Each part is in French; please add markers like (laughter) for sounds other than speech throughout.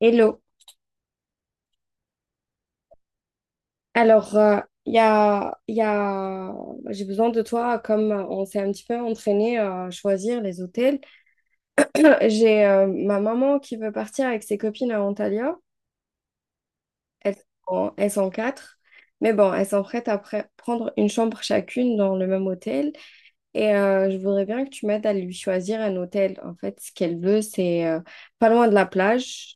Hello. Alors, il y a, il y a... j'ai besoin de toi, comme on s'est un petit peu entraîné à choisir les hôtels. (clears throat) J'ai ma maman qui veut partir avec ses copines à Antalya. Elles elles sont quatre. Mais bon, elles sont prêtes à prendre une chambre chacune dans le même hôtel. Et je voudrais bien que tu m'aides à lui choisir un hôtel. En fait, ce qu'elle veut, c'est pas loin de la plage.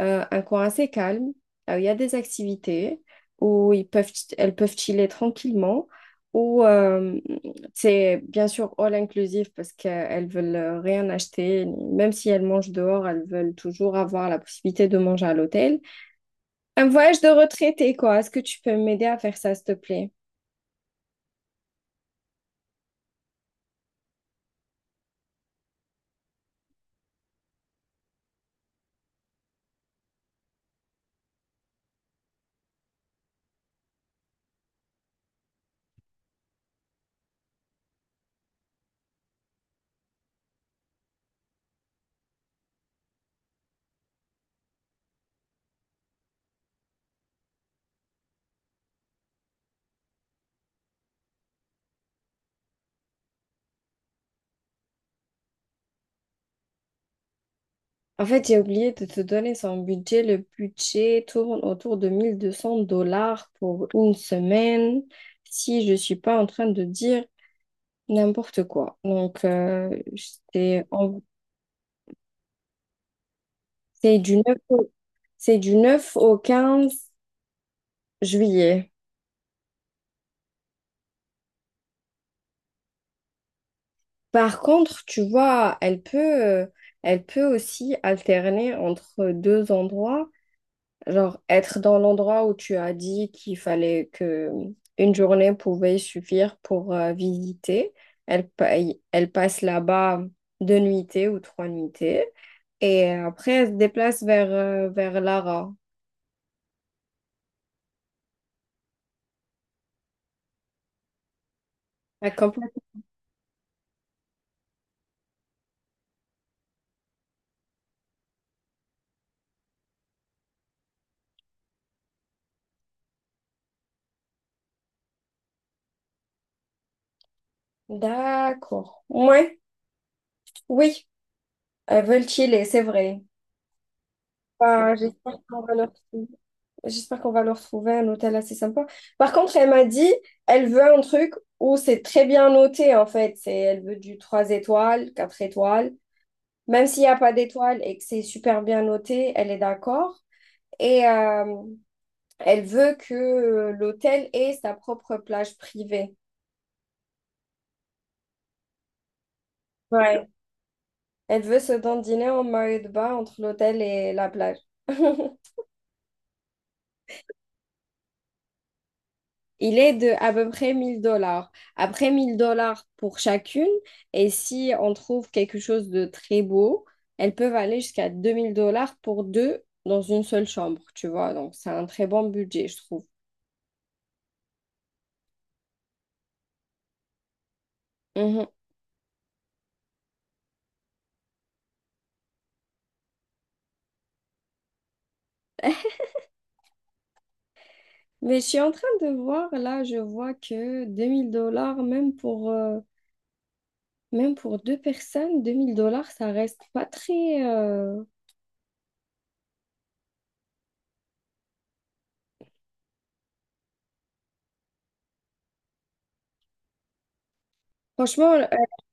Un coin assez calme, là où il y a des activités, où ils peuvent, elles peuvent chiller tranquillement, où c'est bien sûr all inclusive parce qu'elles veulent rien acheter, même si elles mangent dehors, elles veulent toujours avoir la possibilité de manger à l'hôtel. Un voyage de retraité, quoi. Est-ce que tu peux m'aider à faire ça, s'il te plaît? En fait, j'ai oublié de te donner son budget. Le budget tourne autour de 1 200 $ pour une semaine. Si je ne suis pas en train de dire n'importe quoi. Donc, c'est en- c'est du 9 au, c'est du 9 au 15 juillet. Par contre, tu vois, euh, elle peut aussi alterner entre deux endroits. Genre, être dans l'endroit où tu as dit qu'il fallait que une journée pouvait suffire pour visiter. Elle, pa- elle passe là-bas deux nuitées ou trois nuitées. Et après, elle se déplace vers Lara. Elle D'accord. Ouais, oui, elles veulent chiller, c'est vrai. Bah, j'espère qu'on va leur trouver un hôtel assez sympa. Par contre, elle m'a dit, elle veut un truc où c'est très bien noté, en fait. Elle veut du 3 étoiles, 4 étoiles. Même s'il n'y a pas d'étoiles et que c'est super bien noté, elle est d'accord. Et elle veut que l'hôtel ait sa propre plage privée. Ouais. Elle veut se dandiner en maillot de bain entre l'hôtel et la plage. (laughs) Il est de à peu près 1000 dollars. Après 1 000 $ pour chacune, et si on trouve quelque chose de très beau, elles peuvent aller jusqu'à 2 000 $ pour deux dans une seule chambre, tu vois. Donc, c'est un très bon budget, je trouve. Mhm. Mais je suis en train de voir, là, je vois que 2000 dollars, même pour deux personnes, 2000 dollars, ça reste pas très, Franchement,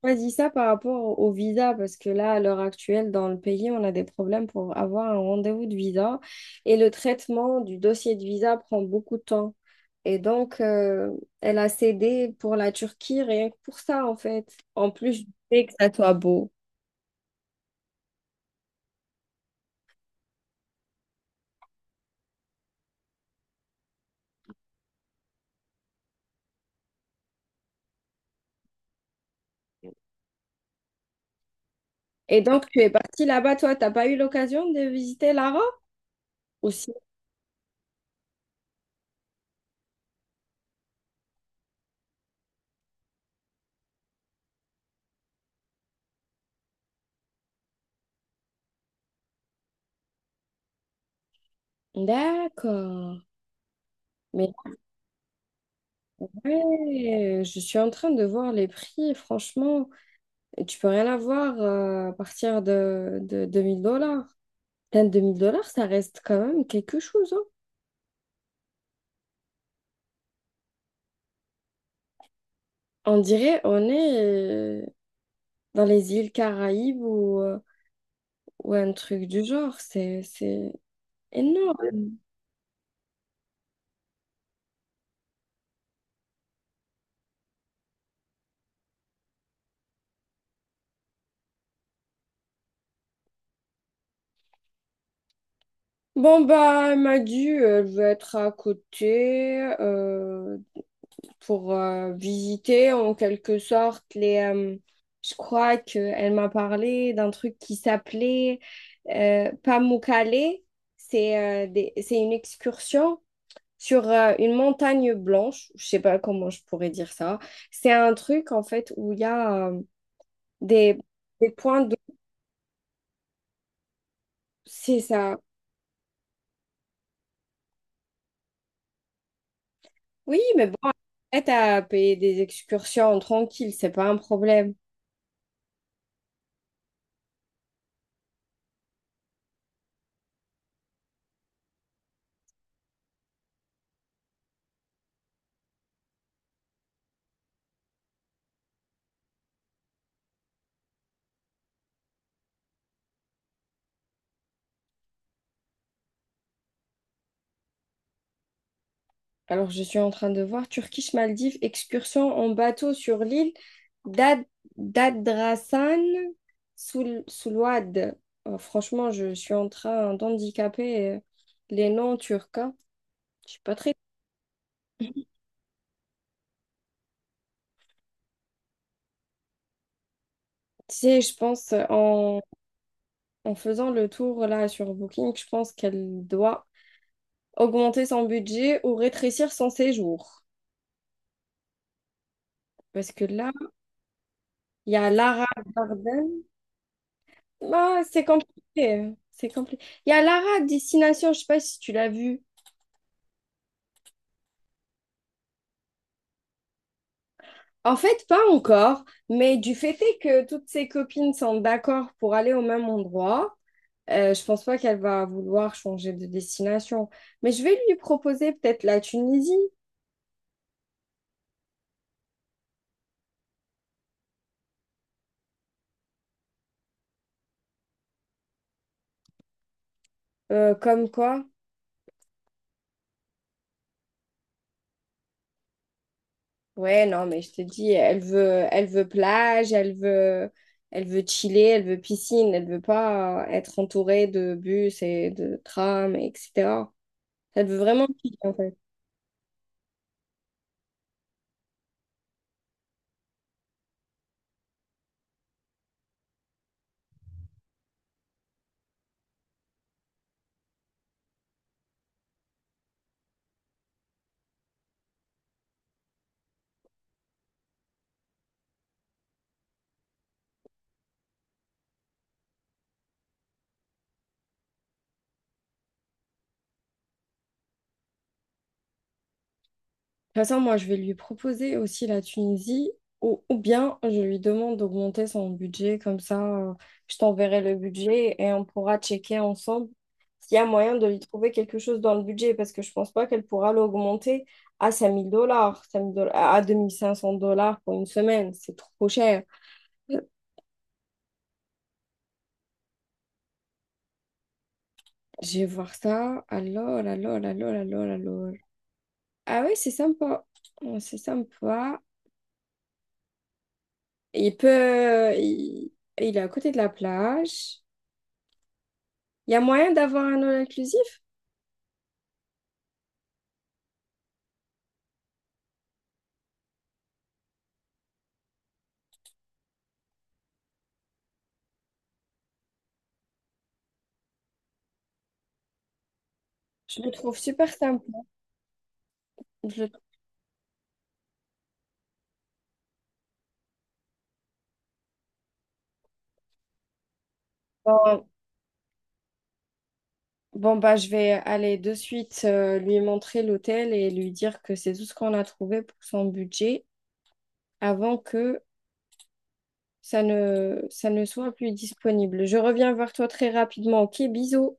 je choisis ça par rapport au visa parce que là, à l'heure actuelle, dans le pays, on a des problèmes pour avoir un rendez-vous de visa et le traitement du dossier de visa prend beaucoup de temps. Et donc, elle a cédé pour la Turquie rien que pour ça, en fait. En plus, je sais que ça soit beau. Et donc, tu es partie là-bas, toi, t'as pas eu l'occasion de visiter l'Ara? Aussi. D'accord. Mais ouais, je suis en train de voir les prix, franchement, et tu peux rien avoir à partir de 2000 dollars. Enfin, 2000 dollars, ça reste quand même quelque chose, hein. On dirait on est dans les îles Caraïbes ou un truc du genre. Énorme. Bon, bah, elle m'a dit, elle veut être à côté pour visiter en quelque sorte. Les. Je crois qu'elle m'a parlé d'un truc qui s'appelait Pamukkale. C'est une excursion sur une montagne blanche. Je sais pas comment je pourrais dire ça. C'est un truc en fait où il y a des, des points de. C'est ça. Oui, mais bon, prête à payer des excursions tranquilles, c'est pas un problème. Alors, je suis en train de voir Turkish-Maldives, excursion en bateau sur l'île d'Ad- d'Adrasan Soulouad. Franchement, je suis en train d'handicaper les noms turcs, hein. Je suis pas très. (laughs) Tu sais, je pense en faisant le tour là sur Booking, je pense qu'elle doit augmenter son budget ou rétrécir son séjour. Parce que là, il y a Lara Garden. Ah, c'est compliqué. C'est compliqué. Il y a Lara Destination, je sais pas si tu l'as vue. En fait, pas encore, mais du fait est que toutes ses copines sont d'accord pour aller au même endroit, je pense pas qu'elle va vouloir changer de destination. Mais je vais lui proposer peut-être la Tunisie, comme quoi. Ouais, non, mais je te dis, elle veut plage, elle veut chiller, elle veut piscine, elle veut pas être entourée de bus et de trams, etc. Elle veut vraiment chiller, en fait. De toute façon, moi, je vais lui proposer aussi la Tunisie ou bien je lui demande d'augmenter son budget. Comme ça, euh, je t'enverrai le budget et on pourra checker ensemble s'il y a moyen de lui trouver quelque chose dans le budget parce que je pense pas qu'elle pourra l'augmenter à 5000 dollars, à 2 500 $ pour une semaine. C'est trop cher. Je vais voir ça. Alors, alors. Ah oui, c'est sympa. Oh, c'est sympa. Il peut... Il, il est à côté de la plage. Il y a moyen d'avoir un all inclusif? Je le trouve super sympa. Je le trouve- Bon, bon, bah, je vais aller de suite lui montrer l'hôtel et lui dire que c'est tout ce qu'on a trouvé pour son budget avant que ça ne soit plus disponible. Je reviens vers toi très rapidement. Ok, bisous.